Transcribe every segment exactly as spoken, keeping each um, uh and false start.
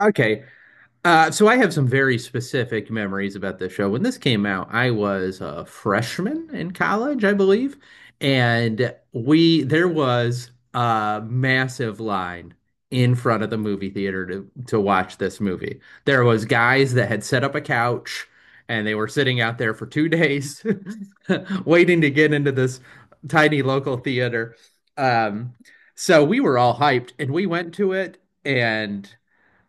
Okay. Uh, so I have some very specific memories about this show. When this came out, I was a freshman in college, I believe, and we there was a massive line in front of the movie theater to to watch this movie. There was guys that had set up a couch and they were sitting out there for two days waiting to get into this tiny local theater. Um, so we were all hyped and we went to it and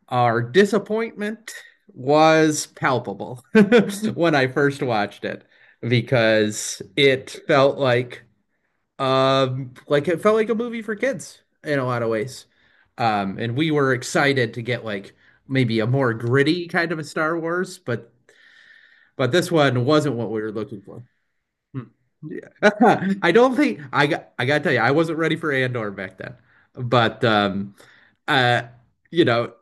our disappointment was palpable when I first watched it because it felt like um like it felt like a movie for kids in a lot of ways. Um and we were excited to get like maybe a more gritty kind of a Star Wars, but but this one wasn't what we were looking for. I don't think I got I gotta tell you, I wasn't ready for Andor back then. But um uh you know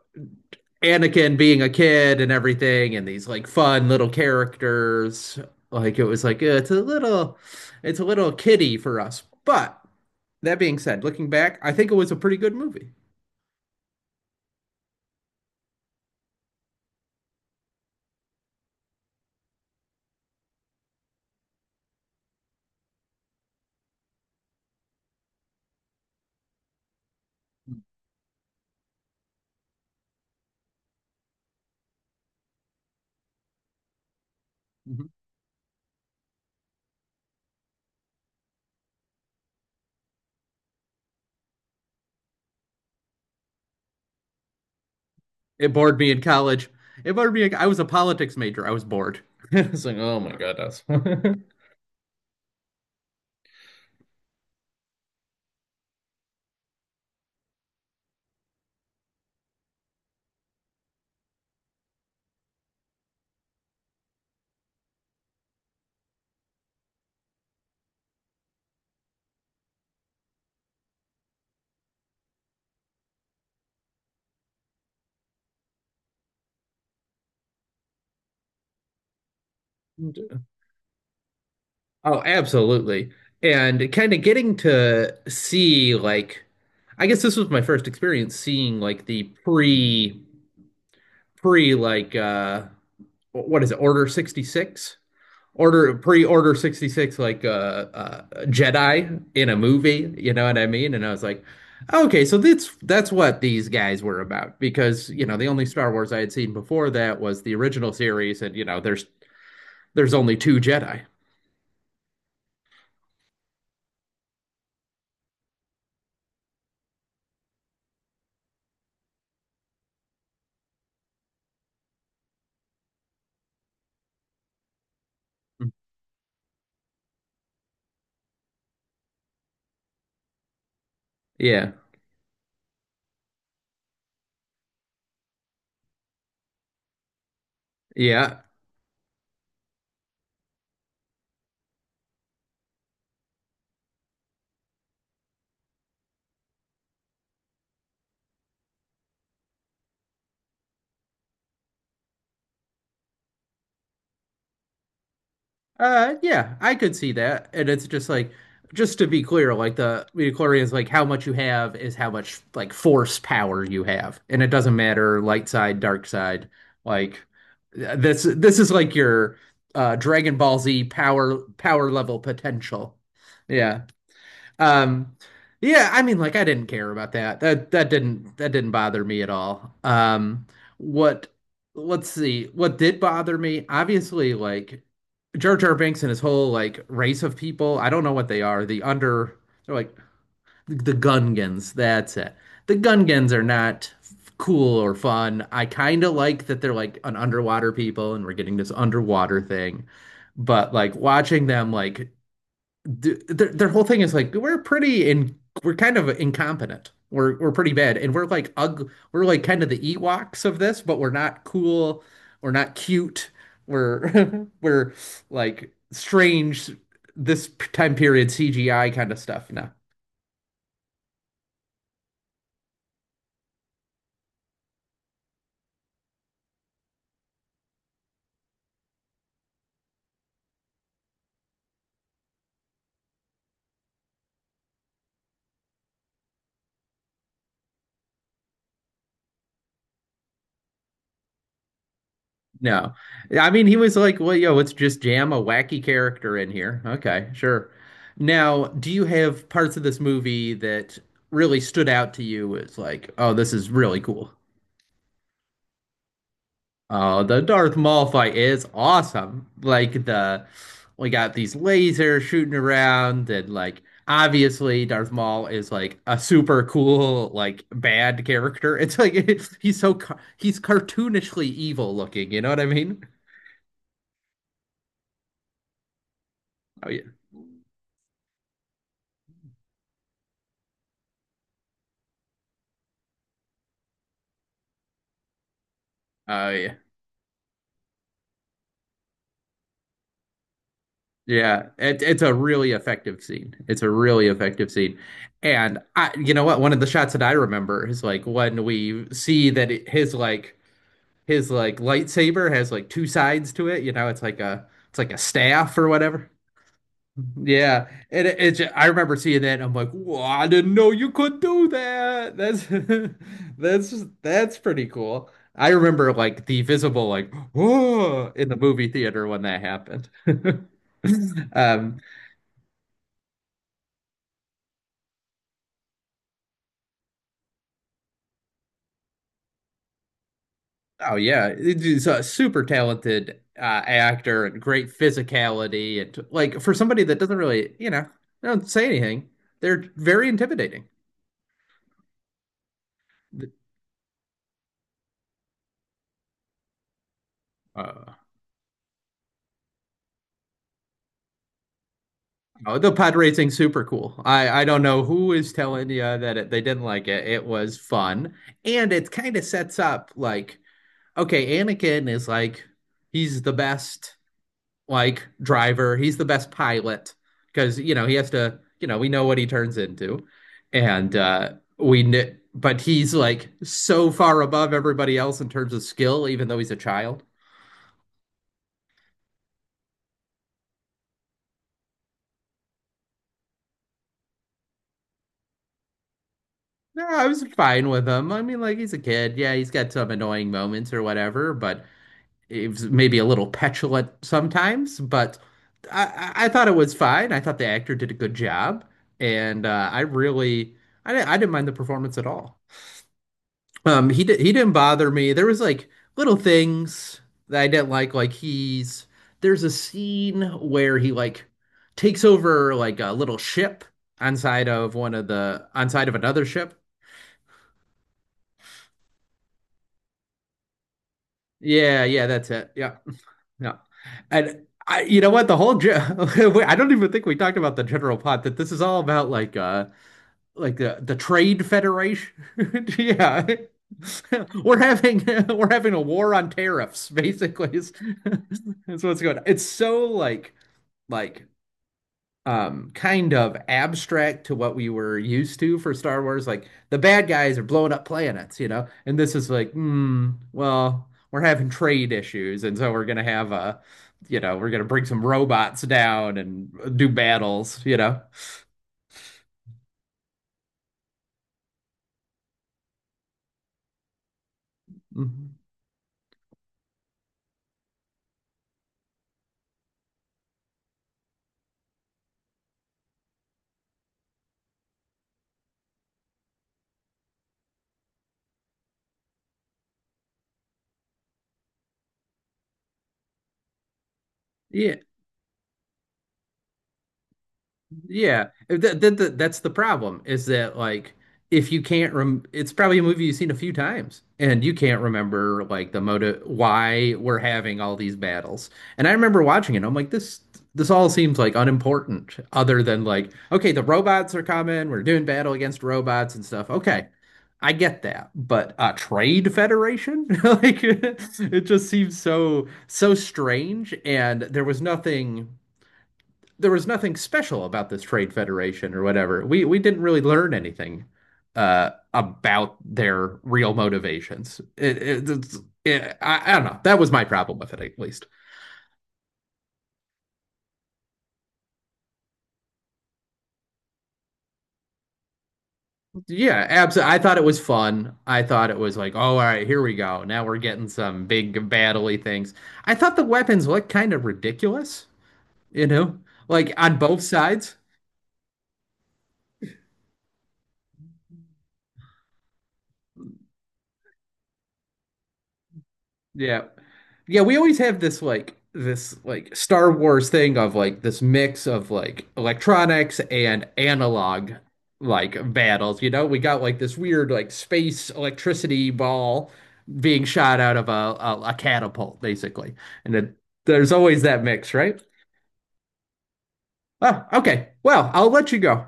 Anakin being a kid and everything, and these like fun little characters. Like it was like uh, it's a little, it's a little kiddie for us. But that being said, looking back, I think it was a pretty good movie. Mhm. It bored me in college. It bored me. In, I was a politics major. I was bored. I was like, oh my goodness. Oh, absolutely. And kind of getting to see like I guess this was my first experience seeing like the pre pre like uh what is it, Order sixty-six? Order pre-order sixty-six like a uh, uh Jedi in a movie, you know what I mean? And I was like, okay, so that's that's what these guys were about because, you know, the only Star Wars I had seen before that was the original series and you know, there's there's only two Jedi. Yeah. Yeah. Uh, yeah, I could see that. And it's just like, just to be clear, like the midichlorian is like how much you have is how much like force power you have. And it doesn't matter light side, dark side. Like uh, this this is like your uh Dragon Ball Z power power level potential. Yeah. Um, yeah, I mean, like I didn't care about that. That that didn't that didn't bother me at all. Um, what Let's see, what did bother me, obviously, like Jar Jar Binks and his whole like race of people. I don't know what they are. The under they're like the, the Gungans. That's it. The Gungans are not cool or fun. I kind of like that they're like an underwater people and we're getting this underwater thing. But like watching them, like th- their their whole thing is like we're pretty in we're kind of incompetent. We're we're pretty bad, and we're like ugly. We're like kind of the Ewoks of this, but we're not cool. We're not cute. We're we're like strange. This p- time period C G I kind of stuff. No, no. I mean, he was like, well, yo, let's just jam a wacky character in here. Okay, sure. Now, do you have parts of this movie that really stood out to you as like, oh, this is really cool? Oh, the Darth Maul fight is awesome. Like the we got these lasers shooting around and like obviously Darth Maul is like a super cool like bad character. It's like he's so ca- he's cartoonishly evil looking, you know what I mean? Oh yeah. Oh yeah. Yeah, it, it's a really effective scene. It's a really effective scene. And I, you know what? One of the shots that I remember is like when we see that it, his like his like lightsaber has like two sides to it. You know, it's like a it's like a staff or whatever. Yeah, and it, it ju- I remember seeing that and I'm like, whoa, I didn't know you could do that. That's that's that's pretty cool. I remember like the visible like whoa in the movie theater when that happened. Um, Oh yeah, he's a super talented uh, actor and great physicality and like for somebody that doesn't really, you know, they don't say anything, they're very intimidating. Uh, oh, the pod racing super cool. I I don't know who is telling you that it, they didn't like it. It was fun, and it kind of sets up like okay, Anakin is like he's the best like driver. He's the best pilot because you know he has to. You know we know what he turns into, and uh, we kn- but he's like so far above everybody else in terms of skill, even though he's a child. No, I was fine with him. I mean, like he's a kid. Yeah, he's got some annoying moments or whatever, but he was maybe a little petulant sometimes. But I, I thought it was fine. I thought the actor did a good job, and uh, I really I didn't, I didn't mind the performance at all. Um, he did, he didn't bother me. There was like little things that I didn't like. Like he's There's a scene where he like takes over like a little ship on side of one of the on side of another ship. Yeah, yeah, that's it. Yeah, yeah. And I, you know what? The whole ge- I don't even think we talked about the general plot that this is all about like uh like the the Trade Federation. Yeah. We're having we're having a war on tariffs, basically. Is, is what's going on. It's so like like um kind of abstract to what we were used to for Star Wars. Like the bad guys are blowing up planets, you know? And this is like, hmm, well, we're having trade issues, and so we're gonna have a you know, we're gonna bring some robots down and do battles, you know? Mhm. Yeah. Yeah, uh, that, that, that- that's the problem is that like if you can't rem it's probably a movie you've seen a few times and you can't remember like the motive why we're having all these battles. And I remember watching it, I'm like this this all seems like unimportant other than like okay, the robots are coming, we're doing battle against robots and stuff. Okay. I get that, but uh trade federation? Like it just seems so so strange and there was nothing there was nothing special about this trade federation or whatever. We we didn't really learn anything uh, about their real motivations. It, it, it's- it- I, I don't know. That was my problem with it, at least. Yeah, absolutely. I thought it was fun. I thought it was like, oh, all right, here we go. Now we're getting some big battle-y things. I thought the weapons looked kind of ridiculous, you know, like on both sides. Yeah. Yeah, we always have this like this like Star Wars thing of like this mix of like electronics and analog like battles, you know? We got like this weird like space electricity ball being shot out of a a, a catapult basically. And it, there's always that mix, right? Oh, okay. Well, I'll let you go.